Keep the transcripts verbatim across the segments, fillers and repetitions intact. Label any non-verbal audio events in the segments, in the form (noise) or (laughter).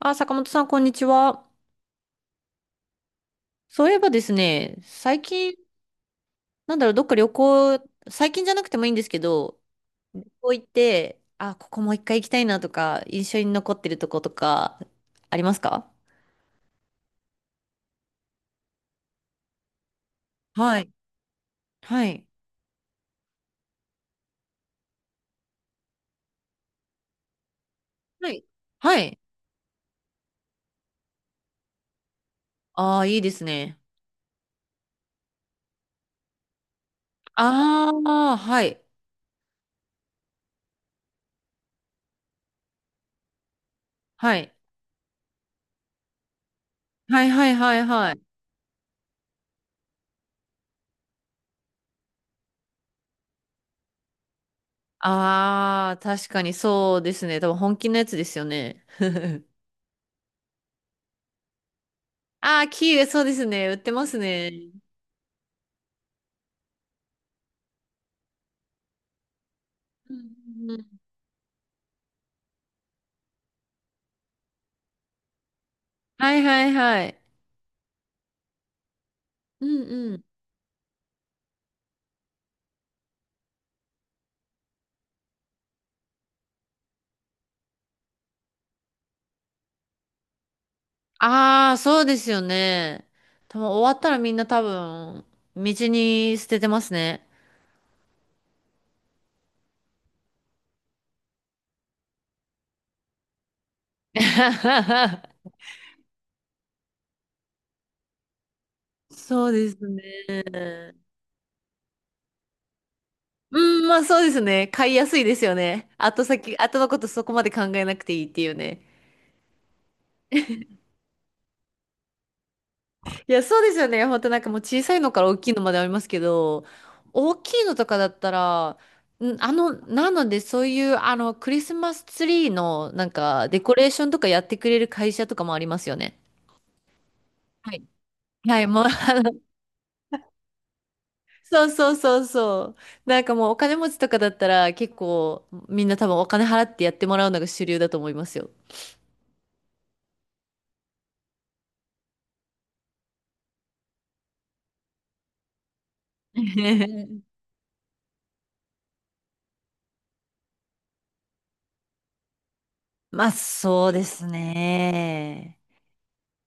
あ、坂本さん、こんにちは。そういえばですね、最近、なんだろう、どっか旅行、最近じゃなくてもいいんですけど、旅行行って、あ、ここもう一回行きたいなとか、印象に残ってるとことか、ありますか？はい。はい。はい。はい。ああ、いいですね。ああ、はい。はい。はいはいはいはい。ああ、確かにそうですね。多分本気のやつですよね。(laughs) ああ、キウイ、そうですね。売ってますね。うんうんはいはいはい。うんうん。ああ、そうですよね。多分終わったらみんな多分、道に捨ててますね。(laughs) そうですね。うん、まあそうですね。買いやすいですよね。後先、後のことそこまで考えなくていいっていうね。いや、そうですよね。本当なんかもう小さいのから大きいのまでありますけど、大きいのとかだったら、んあの、なのでそういうあのクリスマスツリーのなんかデコレーションとかやってくれる会社とかもありますよね。はい。はい、もう (laughs) そうそうそうそう。なんかもうお金持ちとかだったら結構みんな多分お金払ってやってもらうのが主流だと思いますよ。(laughs) まあそうですね。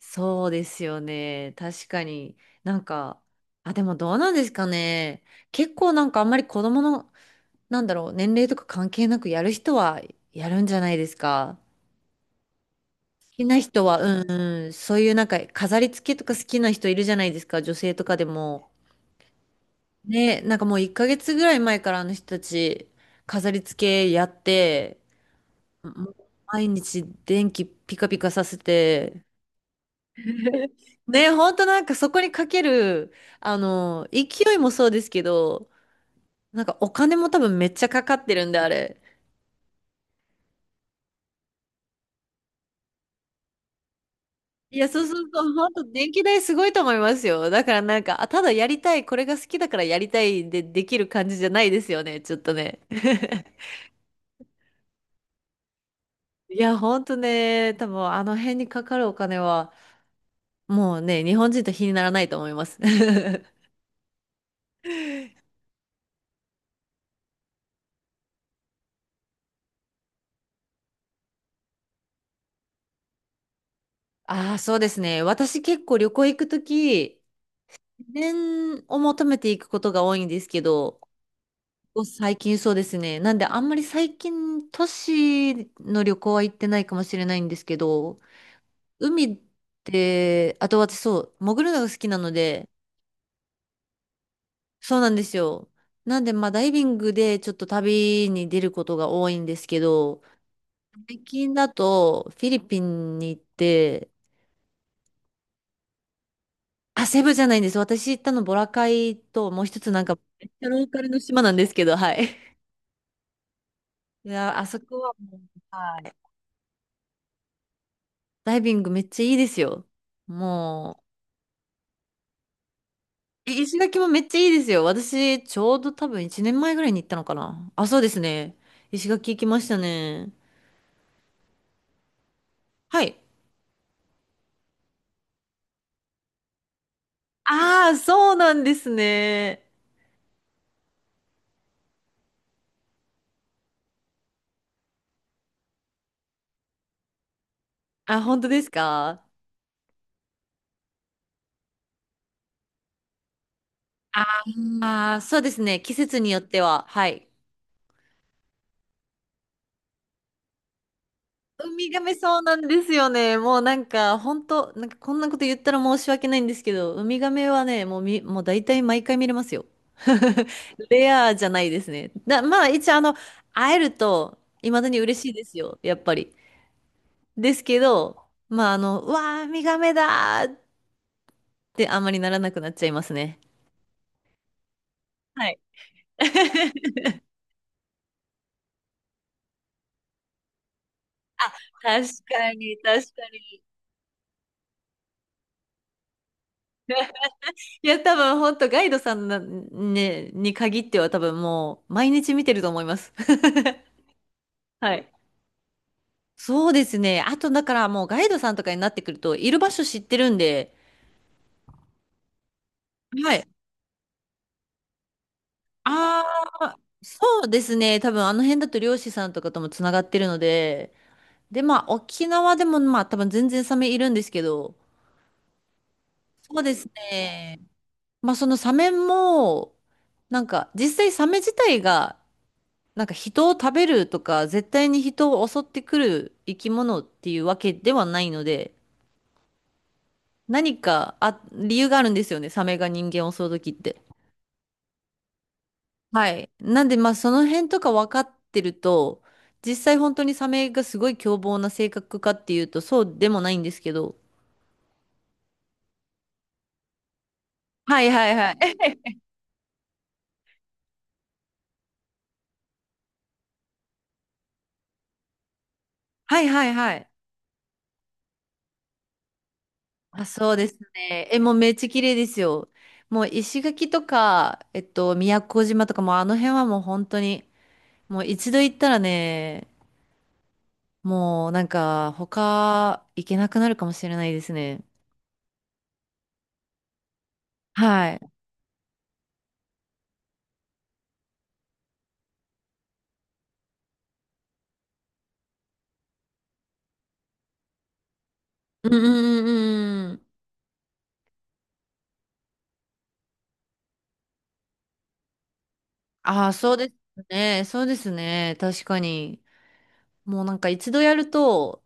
そうですよね。確かに。なんか、あ、でもどうなんですかね。結構なんかあんまり子供の、なんだろう、年齢とか関係なくやる人はやるんじゃないですか。好きな人は、うんうん、そういうなんか飾り付けとか好きな人いるじゃないですか、女性とかでも。ね、なんかもういっかげつぐらい前からあの人たち飾り付けやって、もう毎日電気ピカピカさせて、(laughs) ね、ほんとなんかそこにかける、あの、勢いもそうですけど、なんかお金も多分めっちゃかかってるんで、あれ。いや、そうそうと、ほんと電気代すごいと思いますよ。だからなんか、あ、ただやりたい、これが好きだからやりたいでできる感じじゃないですよね、ちょっとね。(laughs) いや、ほんとね、多分あの辺にかかるお金は、もうね、日本人と比にならないと思います。(laughs) ああ、そうですね。私結構旅行行くとき、自然を求めていくことが多いんですけど、ここ最近そうですね。なんであんまり最近都市の旅行は行ってないかもしれないんですけど、海って、あと私そう、潜るのが好きなので、そうなんですよ。なんでまあダイビングでちょっと旅に出ることが多いんですけど、最近だとフィリピンに行って、あ、セブじゃないんです。私行ったのボラカイともう一つなんかめっちゃローカルの島なんですけど、はい。(laughs) いや、あそこはもう、はい。ダイビングめっちゃいいですよ。もう、石垣もめっちゃいいですよ。私、ちょうど多分いちねんまえぐらいに行ったのかな。あ、そうですね。石垣行きましたね。はい。ああ、そうなんですね。あ、本当ですか？ああー、そうですね。季節によっては。はい。ウミガメそうなんですよね。もうなんか、本当なんかこんなこと言ったら申し訳ないんですけど、ウミガメはね、もうみ、もう大体毎回見れますよ。(laughs) レアじゃないですね。だ、まあ一応あの、会えると、未だに嬉しいですよ。やっぱり。ですけど、まあ、あの、うわー、ウミガメだーってあんまりならなくなっちゃいますね。はい。(laughs) 確かに、確かに。いや、多分、本当ガイドさんな、ね、に限っては多分もう、毎日見てると思います。(laughs) はい。(laughs) そうですね。あと、だからもう、ガイドさんとかになってくると、いる場所知ってるんで、はい。ああ、そうですね。多分、あの辺だと漁師さんとかともつながってるので、で、まあ、沖縄でも、まあ、多分全然サメいるんですけど、そうですね。まあそのサメも、なんか実際サメ自体が、なんか人を食べるとか、絶対に人を襲ってくる生き物っていうわけではないので、何かあ、理由があるんですよね、サメが人間を襲う時って。はい。なんでまあその辺とか分かってると、実際本当にサメがすごい凶暴な性格かっていうと、そうでもないんですけど。はいはいはい。(laughs) はいはいはい。あ、そうですね。え、もうめっちゃ綺麗ですよ。もう石垣とか、えっと、宮古島とかもうあの辺はもう本当に、もう一度行ったらね、もうなんか他行けなくなるかもしれないですね。はい。うんうんうんうん。ああ、そうですね。そうですね。確かに。もうなんか一度やると、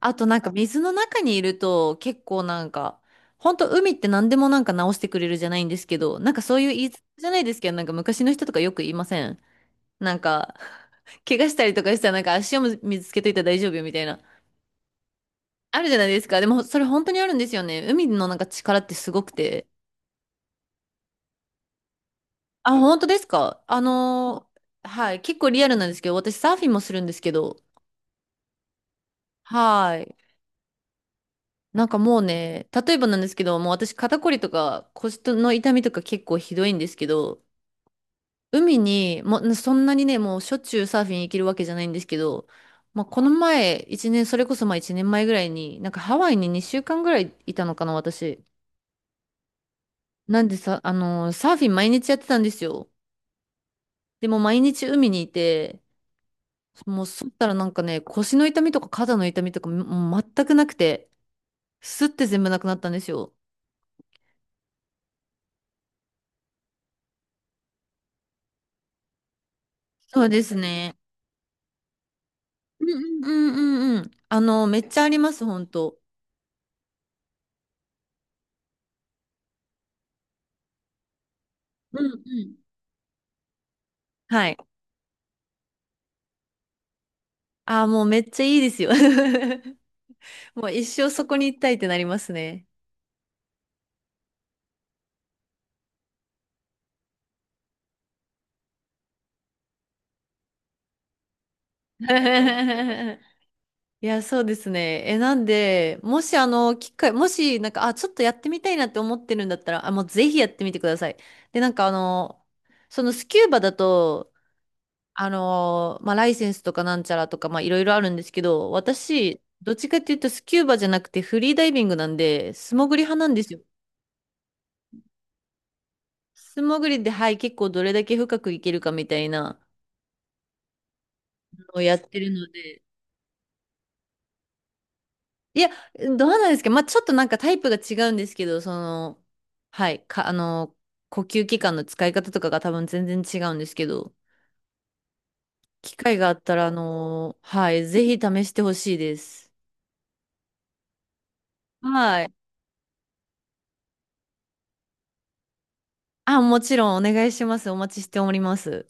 あとなんか水の中にいると結構なんか、ほんと海って何でもなんか直してくれるじゃないんですけど、なんかそういう言い伝えじゃないですけど、なんか昔の人とかよく言いません？なんか、(laughs) 怪我したりとかしたらなんか足を水つけといたら大丈夫よみたいな。あるじゃないですか。でもそれ本当にあるんですよね。海のなんか力ってすごくて。あ、本当ですか？あのーはい。結構リアルなんですけど、私サーフィンもするんですけど、はい。なんかもうね、例えばなんですけど、もう私肩こりとか腰の痛みとか結構ひどいんですけど、海に、もうそんなにね、もうしょっちゅうサーフィン行けるわけじゃないんですけど、まあこの前、一年、それこそまあ一年前ぐらいに、なんかハワイににしゅうかんぐらいいたのかな、私。なんでさ、あのーサーフィン毎日やってたんですよ。でも毎日海にいて、もうそったらなんかね、腰の痛みとか肩の痛みとかもう全くなくて、スッて全部なくなったんですよ。そうですね。うんうんうんうんうん。あの、めっちゃあります、本当。うんうん。はい。ああ、もうめっちゃいいですよ。(laughs) もう一生そこに行きたいってなりますね。(laughs) いや、そうですね。え、なんで、もしあの、機会、もし、なんか、あ、ちょっとやってみたいなって思ってるんだったら、あ、もうぜひやってみてください。で、なんかあの、そのスキューバだと、あのーまあ、ライセンスとかなんちゃらとか、まあ、いろいろあるんですけど、私、どっちかっていうとスキューバじゃなくてフリーダイビングなんで、素潜り派なんですよ。素潜りで、はい、結構どれだけ深くいけるかみたいなのをやってるので、いや、どうなんですか、まあ、ちょっとなんかタイプが違うんですけど、その、はい、か、あのー呼吸器官の使い方とかが多分全然違うんですけど、機会があったら、あのーはい、ぜひ試してほしいです。はい。あ、もちろんお願いします。お待ちしております。